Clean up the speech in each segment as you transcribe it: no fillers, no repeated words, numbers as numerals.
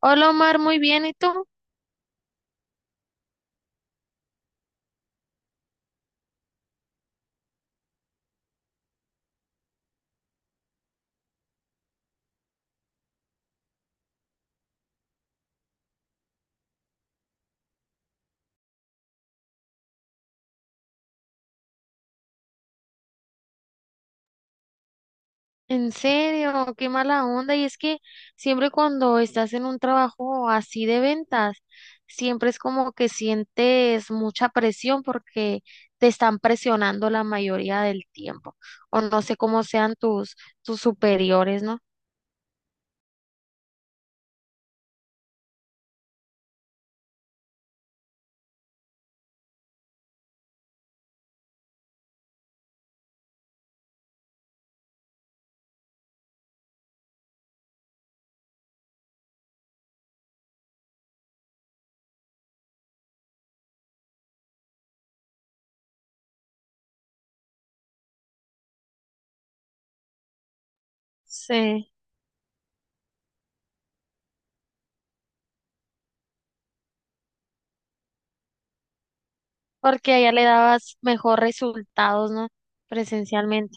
Hola Omar, muy bien, ¿y tú? En serio, qué mala onda. Y es que siempre cuando estás en un trabajo así de ventas, siempre es como que sientes mucha presión porque te están presionando la mayoría del tiempo. O no sé cómo sean tus superiores, ¿no? Sí, porque allá le dabas mejor resultados, ¿no? Presencialmente.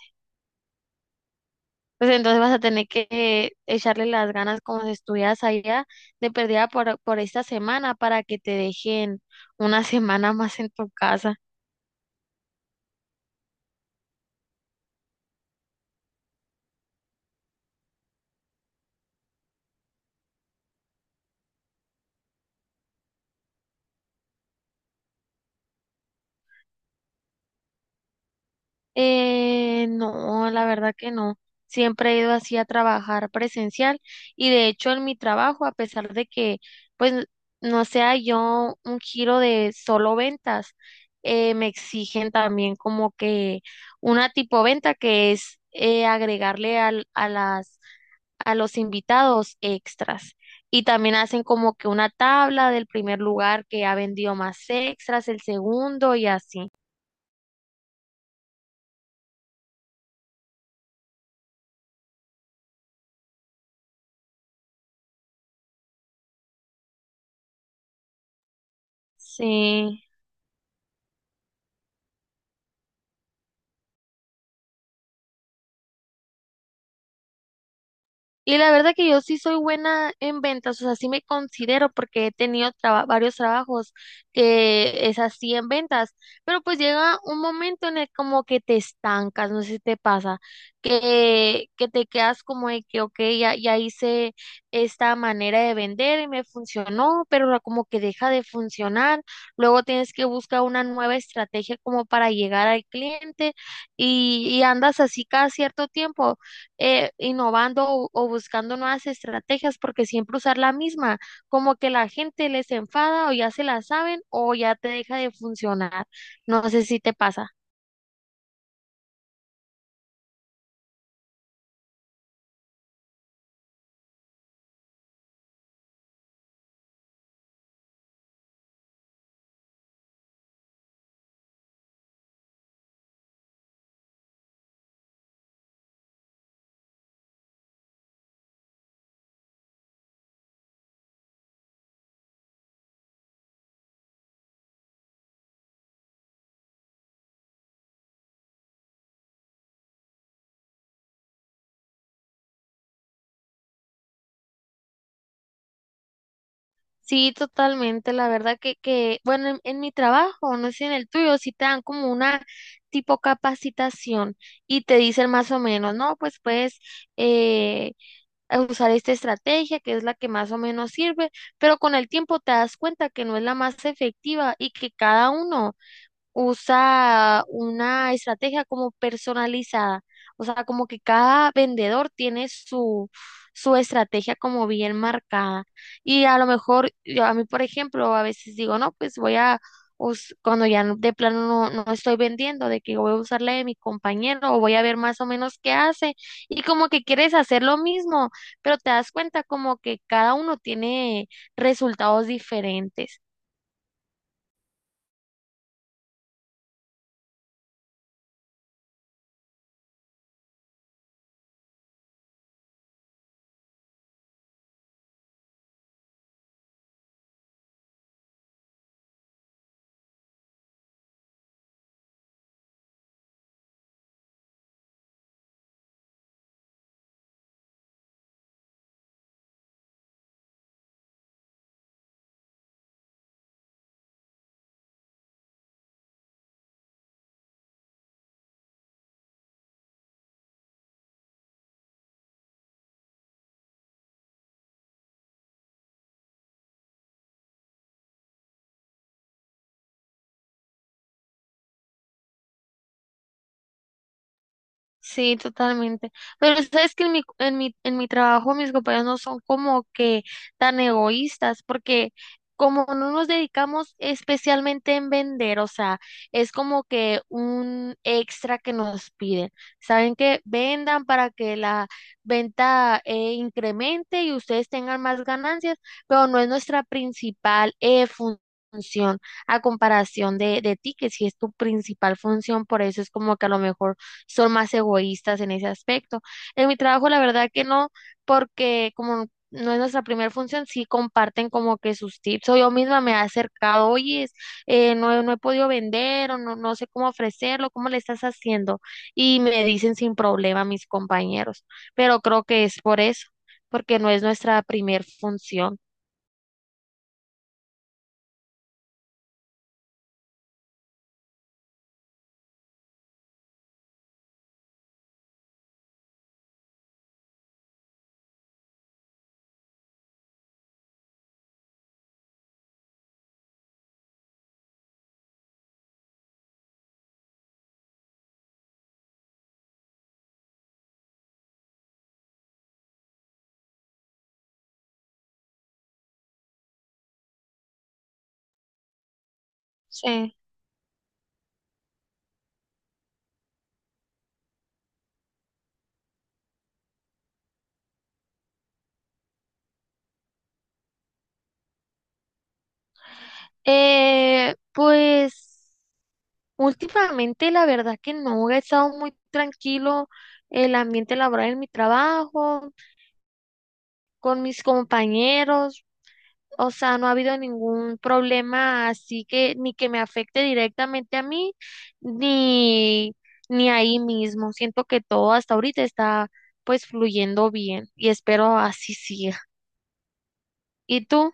Pues entonces vas a tener que echarle las ganas como si estuvieras allá de perdida por esta semana para que te dejen una semana más en tu casa. No, la verdad que no. Siempre he ido así a trabajar presencial y de hecho en mi trabajo, a pesar de que pues no sea yo un giro de solo ventas, me exigen también como que una tipo venta que es agregarle a las a los invitados extras. Y también hacen como que una tabla del primer lugar que ha vendido más extras, el segundo y así. Sí. Y la verdad que yo sí soy buena en ventas, o sea, sí me considero porque he tenido varios trabajos que es así en ventas, pero pues llega un momento en el como que te estancas, no sé si te pasa, que te quedas como de que, ok, ya hice esta manera de vender y me funcionó, pero como que deja de funcionar, luego tienes que buscar una nueva estrategia como para llegar al cliente y andas así cada cierto tiempo innovando o buscando nuevas estrategias, porque siempre usar la misma, como que la gente les enfada o ya se la saben o ya te deja de funcionar. No sé si te pasa. Sí, totalmente. La verdad que bueno, en mi trabajo, no sé si en el tuyo, sí te dan como una tipo capacitación y te dicen más o menos, no, pues puedes eh, usar esta estrategia que es la que más o menos sirve, pero con el tiempo te das cuenta que no es la más efectiva y que cada uno usa una estrategia como personalizada, o sea, como que cada vendedor tiene su estrategia como bien marcada. Y a lo mejor, yo a mí, por ejemplo, a veces digo, no, pues voy a, cuando de plano no, no estoy vendiendo, de que voy a usar la de mi compañero o voy a ver más o menos qué hace. Y como que quieres hacer lo mismo, pero te das cuenta como que cada uno tiene resultados diferentes. Sí, totalmente. Pero sabes que en mi trabajo mis compañeros no son como que tan egoístas, porque como no nos dedicamos especialmente en vender, o sea, es como que un extra que nos piden. Saben que vendan para que la venta incremente y ustedes tengan más ganancias, pero no es nuestra principal función a comparación de ti, que si es tu principal función, por eso es como que a lo mejor son más egoístas en ese aspecto. En mi trabajo, la verdad que no, porque como no es nuestra primera función, sí comparten como que sus tips. O yo misma me he acercado, oye, no, no he podido vender o no, no sé cómo ofrecerlo, cómo le estás haciendo. Y me dicen sin problema mis compañeros, pero creo que es por eso, porque no es nuestra primera función. Sí. Pues últimamente la verdad que no, he estado muy tranquilo el ambiente laboral en mi trabajo, con mis compañeros, o sea, no ha habido ningún problema así que ni que me afecte directamente a mí, ni, ni ahí mismo. Siento que todo hasta ahorita está pues fluyendo bien y espero así siga. ¿Y tú?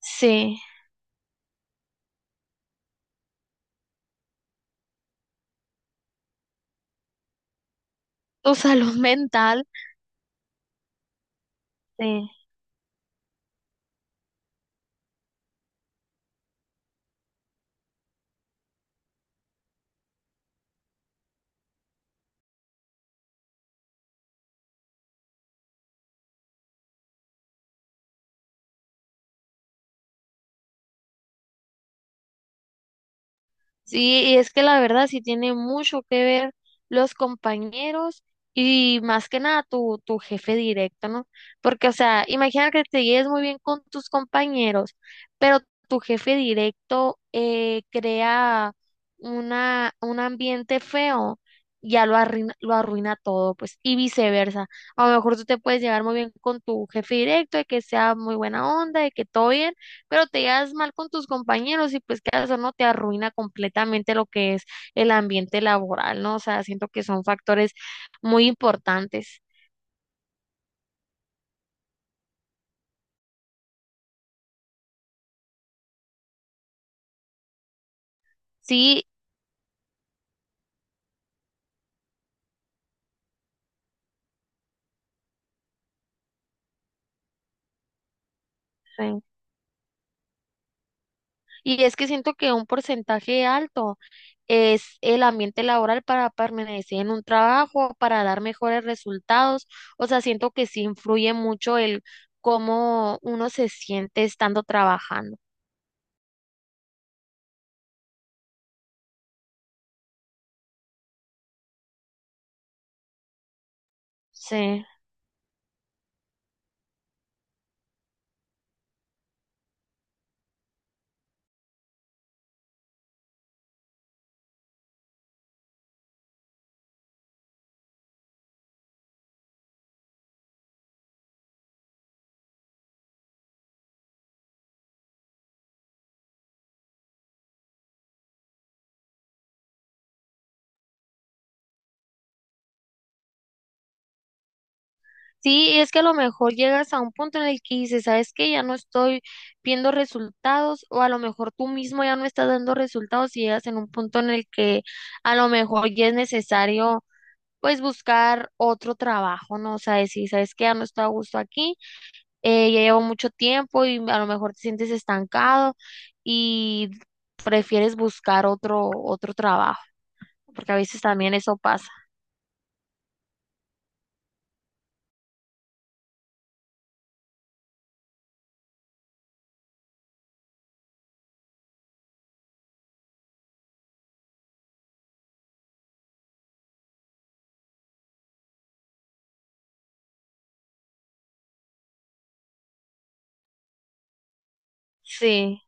Sí, tu salud mental. Sí. Sí, y es que la verdad sí tiene mucho que ver los compañeros y más que nada tu jefe directo, ¿no? Porque, o sea, imagina que te lleves muy bien con tus compañeros, pero tu jefe directo crea un ambiente feo, ya lo arruina todo, pues, y viceversa. A lo mejor tú te puedes llevar muy bien con tu jefe directo, de que sea muy buena onda, de que todo bien pero te llevas mal con tus compañeros y pues que eso no te arruina completamente lo que es el ambiente laboral, ¿no? O sea, siento que son factores muy importantes. Sí, sí. Y es que siento que un porcentaje alto es el ambiente laboral para permanecer en un trabajo, para dar mejores resultados. O sea, siento que sí influye mucho el cómo uno se siente estando trabajando. Sí. Sí, y es que a lo mejor llegas a un punto en el que dices, ¿sabes qué? Ya no estoy viendo resultados o a lo mejor tú mismo ya no estás dando resultados y llegas en un punto en el que a lo mejor ya es necesario pues buscar otro trabajo, ¿no? O sea, decir, ¿sabes qué? Ya no estoy a gusto aquí, ya llevo mucho tiempo y a lo mejor te sientes estancado y prefieres buscar otro trabajo, porque a veces también eso pasa. Sí.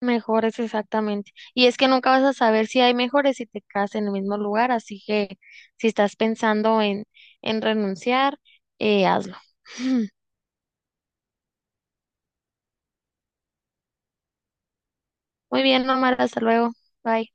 Mejores, exactamente. Y es que nunca vas a saber si hay mejores si te quedas en el mismo lugar, así que si estás pensando en renunciar, hazlo. Muy bien, Norma, hasta luego. Bye.